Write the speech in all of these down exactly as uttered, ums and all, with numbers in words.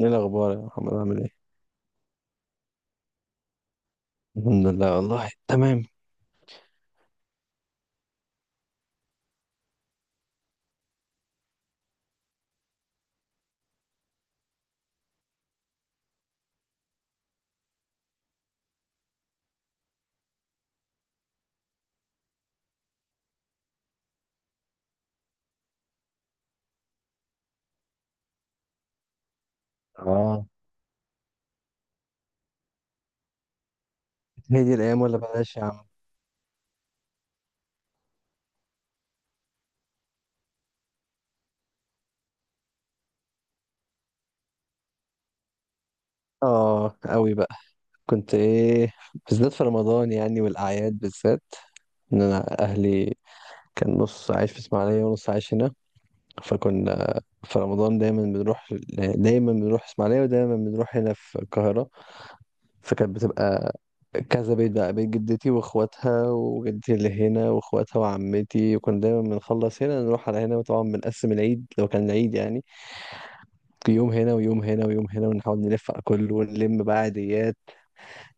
ايه الاخبار يا محمد؟ عامل ايه؟ الحمد لله والله تمام. اه، هي دي الايام ولا بلاش يا عم. اه قوي بقى. كنت ايه بالذات في رمضان يعني، والاعياد بالذات. ان انا اهلي كان نص عايش في اسماعيليه ونص عايش هنا، فكنا في رمضان دايما بنروح دايما بنروح اسماعيليه ودايما بنروح هنا في القاهره. فكانت بتبقى كذا بيت بقى، بيت جدتي واخواتها، وجدتي اللي هنا واخواتها، وعمتي. وكنا دايما بنخلص هنا نروح على هنا، وطبعا بنقسم العيد لو كان العيد، يعني يوم هنا ويوم هنا ويوم هنا، ونحاول نلف على كله ونلم بقى عيديات.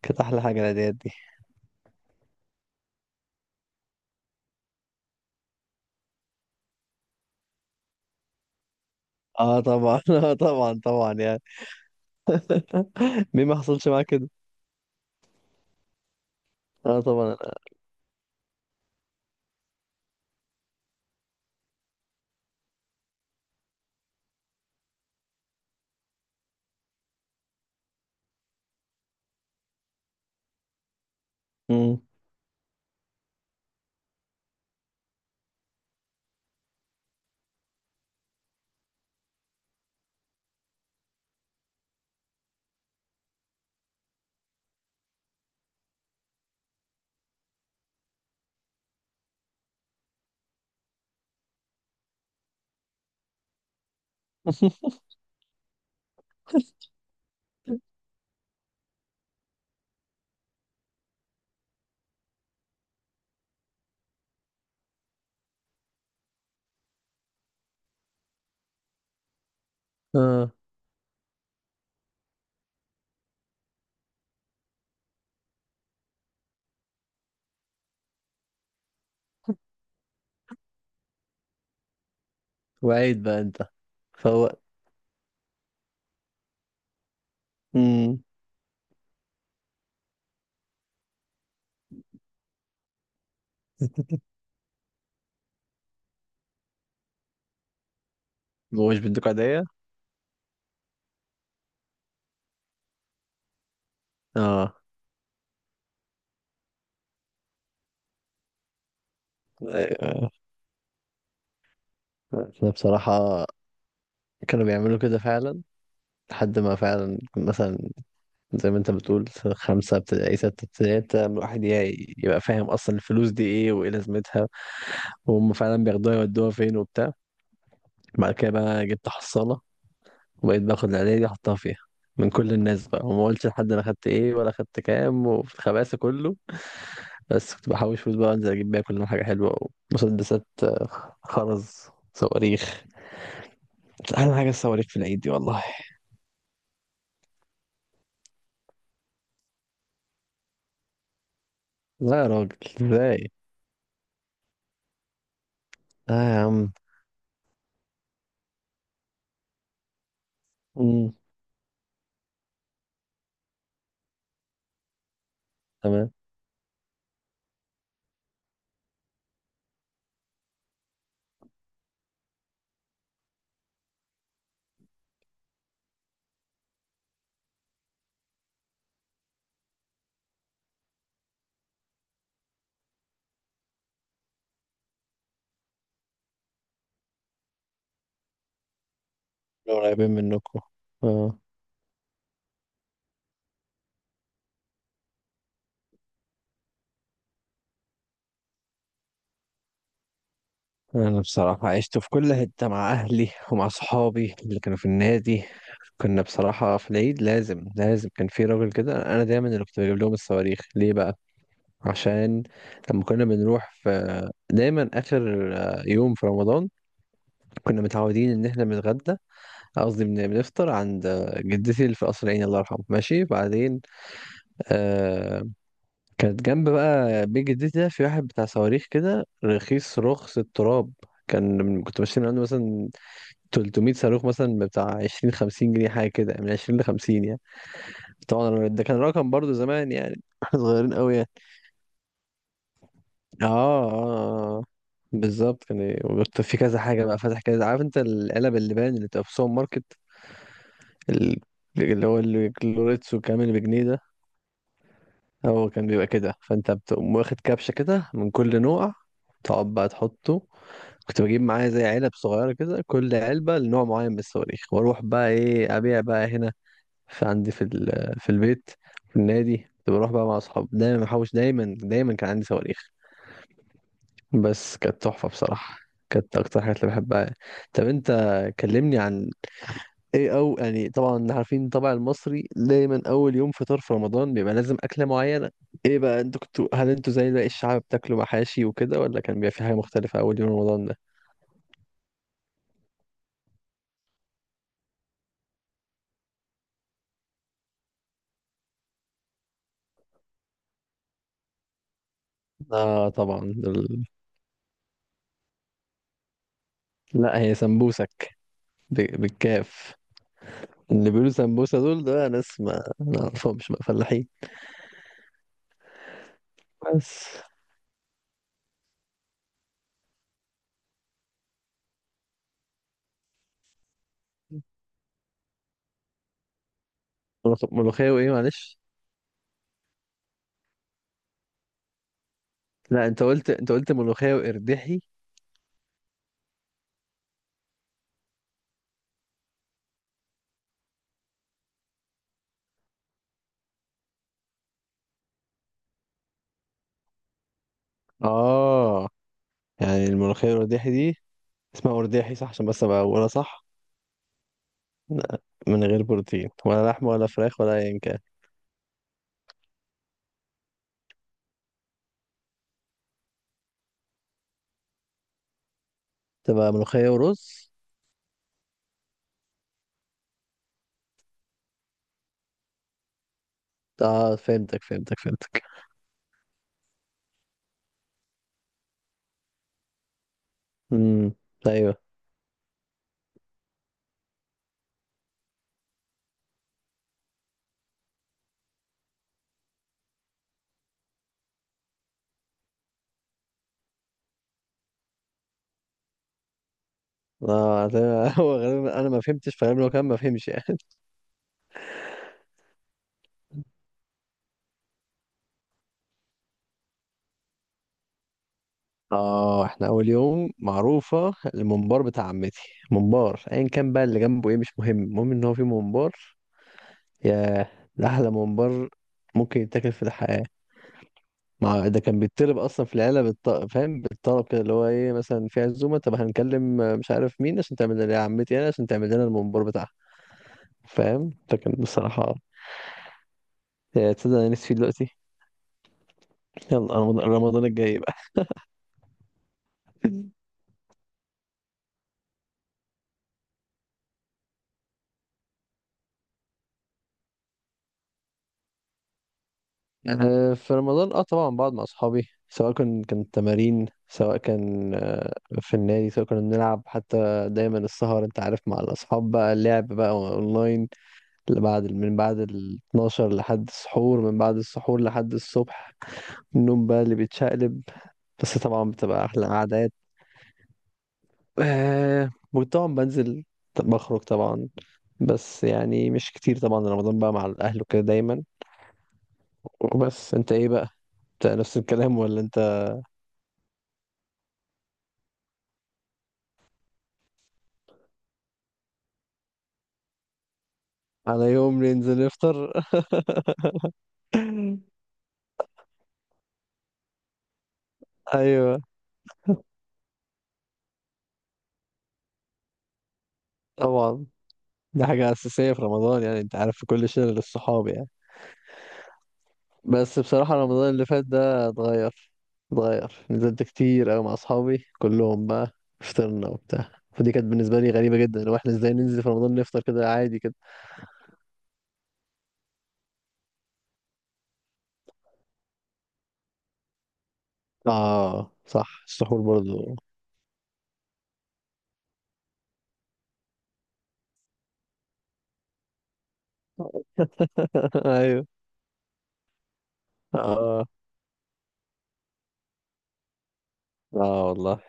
كانت احلى حاجه العيديات دي. اه طبعا. اه طبعا طبعا يعني. مين ما حصلش معاه كده؟ اه طبعا. امم. اه، وعيد بقى انت. فهو، امم، مش بدك عيدية. اه. آه، احنا بصراحة كانوا بيعملوا كده فعلا، لحد ما فعلا مثلا زي ما انت بتقول خمسة ابتدائي ستة ابتدائي، ابتدى الواحد ي- يبقى فاهم اصلا الفلوس دي ايه وايه لازمتها، وهم فعلا بياخدوها يودوها فين وبتاع. بعد كده بقى جبت حصالة، وبقيت باخد العيدية دي أحطها فيها من كل الناس بقى، وما قلتش لحد أنا خدت إيه ولا خدت كام، وفي الخباثة كله. بس كنت بحوش فلوس بقى، أنزل أجيب بيها كل يوم حاجة حلوة: ومسدسات، آه، خرز، صواريخ. أحلى حاجة الصواريخ في العيد دي والله. لا يا راجل، إزاي؟ لا يا عم. مم. تمام. قريبين منكم. اه. أنا بصراحة عشت في كل حتة مع أهلي ومع صحابي اللي كانوا في النادي. كنا بصراحة في العيد لازم لازم، كان في راجل كده أنا دايما اللي كنت بجيب لهم الصواريخ. ليه بقى؟ عشان لما كنا بنروح في دايما آخر، آه، يوم في رمضان، كنا متعودين إن إحنا بنتغدى، قصدي بن- بنفطر عند، آه، جدتي اللي في قصر العيني الله يرحمه، ماشي؟ بعدين آه، كانت جنب بقى بيت جدتي ده في واحد بتاع صواريخ كده رخيص رخص التراب. كان كنت بشتري من عنده مثلا تلت ميت صاروخ مثلا بتاع عشرين خمسين جنيه، حاجة كده من عشرين ل خمسين يعني. طبعا ده كان رقم برضو زمان يعني، احنا صغيرين قوي يعني. اه. اه آه. بالظبط، كان كنت في كذا حاجه بقى، فاتح كذا. عارف انت العلب اللبان اللي بتبقى في السوبر ماركت؟ ال- اللي هو الكلوريتسو كامل بجنيه ده. هو كان بيبقى كده، فانت بتقوم واخد كبشه كده من كل نوع، تقعد بقى تحطه. كنت بجيب معايا زي علب صغيره كده، كل علبه لنوع معين من الصواريخ، واروح بقى ايه، ابيع بقى هنا في عندي في ال- في البيت، في النادي. كنت بروح بقى مع اصحاب، دايما محوش، دايما دايما كان عندي صواريخ، بس كانت تحفة بصراحة. كانت اكتر حاجات اللي بحبها. طب انت كلمني عن ايه، او يعني طبعا عارفين الطبع المصري دايما اول يوم فطار في رمضان بيبقى لازم اكلة معينة. ايه بقى انتوا كنتوا، هل انتوا زي باقي الشعب بتاكلوا محاشي وكده، ولا كان بيبقى في حاجة مختلفة اول يوم رمضان ده؟ اه طبعا دول... لا هي سمبوسك، ب... بالكاف. اللي بيقولوا سمبوسة دول، ده ناس ما ما اعرفهمش بقى، فلاحين. بس ملوخ- ملوخية وايه معلش؟ لا انت قلت، انت قلت ملوخية وقرداحي. اه، يعني الملوخية والقرداحي دي اسمها قرداحي صح؟ عشان بس ابقى اقولها صح. لا، من غير بروتين ولا لحم ولا فراخ ولا ايا كان. تبقى ملوخية ورز. اه، فهمتك فهمتك فهمتك. امم. ايوه. اه. ده هو غالبا انا ما فهمتش، فغالبا هو كمان ما فهمش يعني. اه، احنا اول يوم معروفة الممبار بتاع عمتي. ممبار، ايا كان بقى اللي جنبه ايه مش مهم، المهم ان هو في ممبار. ياه، ده أحلى ممبار ممكن يتاكل في الحياة. مع ده كان بيتطلب أصلا في العيلة بالط... فاهم، بالطلب كده، اللي هو إيه، مثلا في عزومة طب هنكلم، آه، مش عارف مين، عشان تعمل لنا يا عمتي أنا، عشان تعمل لنا الممبار بتاعها. فاهم؟ فكان بصراحة، يا تصدق أنا نفسي فيه دلوقتي. يلا رمضان، رمضان الجاي بقى. آه، في رمضان اه طبعا بقعد مع اصحابي، سواء كان كان تمارين، سواء كان، آه، في النادي، سواء كنا بنلعب، حتى دايما السهر انت عارف مع الاصحاب بقى، اللعب بقى اونلاين اللي بعد، من بعد ال اتناشر لحد السحور، من بعد السحور لحد الصبح، النوم بقى اللي بيتشقلب. بس طبعا بتبقى أحلى قعدات. آه، وطبعا بنزل، بخرج طبعا، بس يعني مش كتير. طبعا رمضان بقى مع الأهل وكده دايما. وبس أنت إيه بقى؟ أنت نفس الكلام ولا أنت؟ على يوم ننزل نفطر؟ أيوه طبعا، دي حاجة أساسية في رمضان يعني، أنت عارف في كل شلة للصحاب يعني. بس بصراحة رمضان اللي فات ده اتغير، اتغير. نزلت كتير أوي مع أصحابي كلهم بقى، فطرنا وبتاع. فدي كانت بالنسبة لي غريبة جدا، لو احنا ازاي ننزل في رمضان نفطر كده عادي كده. اه صح، السحور برضو. ايوه. اه. اه والله.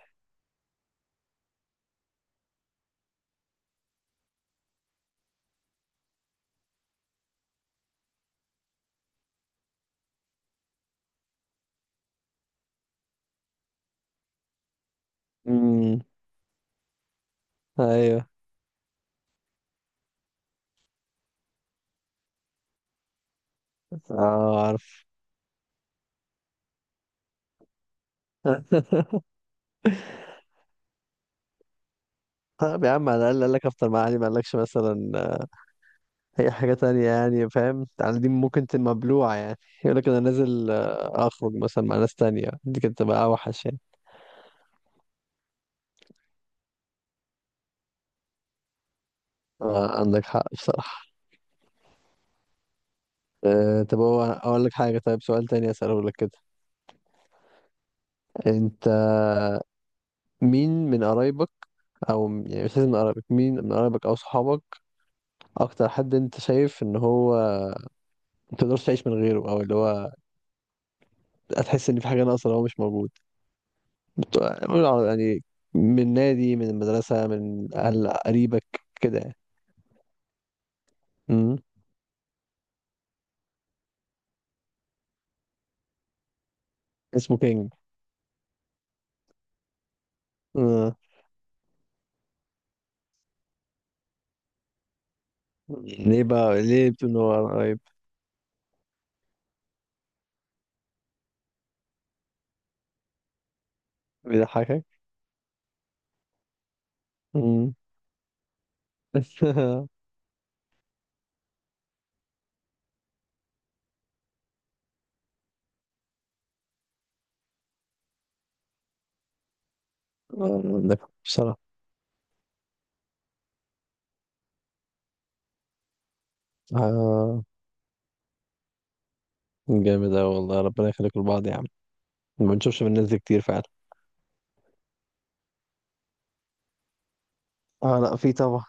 امم. ايوه. اه عارف. طب يا عم على الأقل قال لك افطر مع أهلي، ما قالكش مثلا هي حاجة تانية يعني، فاهم؟ يعني دي ممكن تبقى مبلوعة يعني. يقول لك أنا نازل، آه، أخرج مثلا مع ناس تانية، دي كانت تبقى أوحش يعني. آه، عندك حق بصراحة. أه طب هو أقول لك حاجة، طيب سؤال تاني أسأله لك كده. أنت مين من قرايبك، أو م- يعني مش لازم من قرايبك، مين من قرايبك أو صحابك أكتر حد أنت شايف إن هو متقدرش تعيش من غيره، أو اللي هو هتحس إن في حاجة ناقصة لو هو مش موجود؟ بت- قول على، يعني من نادي، من المدرسة، من أهل قريبك كده يعني. مم. اسمه كينج. آه. ليه بقى، ليه بتنور قريب؟ بيضحكك. مم. آه، عندك حق بصراحة. آه. جامد أوي والله، ربنا يخليكم لبعض يا عم. ما بنشوفش من الناس دي كتير فعلا. اه لا في طبعا.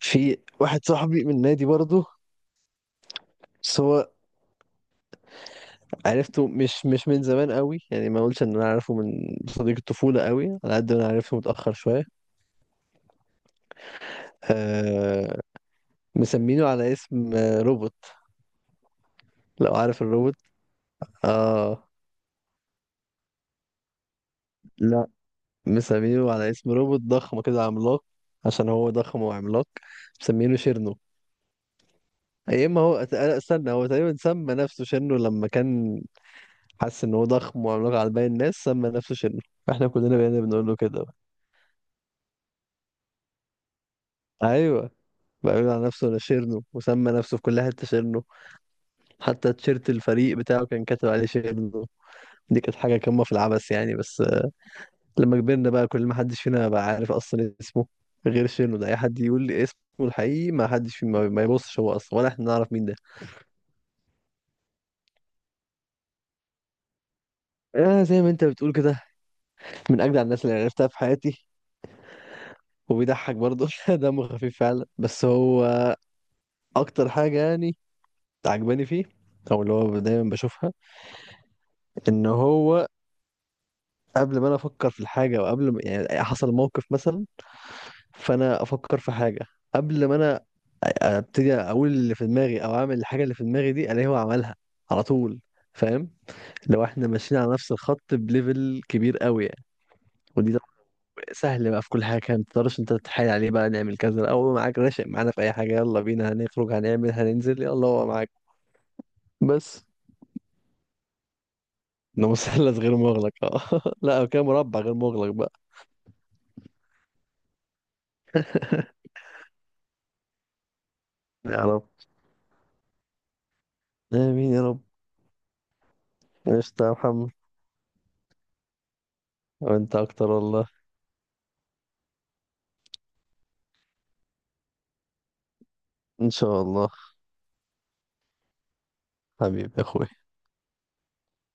في واحد صاحبي من نادي برضه، بس هو عرفته مش مش من زمان قوي يعني. ما اقولش ان انا عارفه من صديق الطفولة قوي، على قد ما انا عرفته متأخر شوية. آه. مسمينه على اسم، آه، روبوت. لو عارف الروبوت. اه. لا، مسمينه على اسم روبوت ضخم كده عملاق، عشان هو ضخم وعملاق. مسمينه شيرنو. يا اما هو أت- استنى، هو تقريبا سمى نفسه شيرنو لما كان حس ان هو ضخم وعملاق على باقي الناس، سمى نفسه شيرنو. احنا كلنا بقينا بنقول له كده بقى. ايوه، بقى بيقول على نفسه انا شيرنو، وسمى نفسه في كل حته شيرنو. حتى تيشيرت الفريق بتاعه كان كاتب عليه شيرنو. دي كانت حاجه قمه في العبث يعني. بس لما كبرنا بقى، كل ما حدش فينا بقى عارف اصلا اسمه غير شنو ده، اي حد يقول لي اسمه الحقيقي ما حدش فينا ما ما يبصش، هو اصلا ولا احنا نعرف مين ده. آه زي ما انت بتقول كده، من اجدع الناس اللي عرفتها في حياتي. وبيضحك برضه دمه خفيف فعلا. بس هو اكتر حاجه يعني عجباني فيه، او اللي هو دايما بشوفها، ان هو قبل ما انا افكر في الحاجه، او قبل ما يعني حصل موقف مثلا فانا افكر في حاجه، قبل ما انا ابتدي اقول اللي في دماغي، او اعمل الحاجه اللي في دماغي دي، الاقيه هو عملها على طول. فاهم؟ لو احنا ماشيين على نفس الخط بليفل كبير قوي يعني. ودي طب سهل بقى في كل حاجه. كانت متقدرش انت تتحايل عليه بقى، نعمل كذا او هو معاك راشق معانا في اي حاجه، يلا بينا هنخرج، هنعمل، هننزل، يلا هو معاك. بس انه مثلث غير مغلق، اه لا كان مربع غير مغلق بقى. يا رب. امين يا رب. قشطة يا محمد. وانت اكتر والله. ان شاء الله. حبيبي يا اخوي.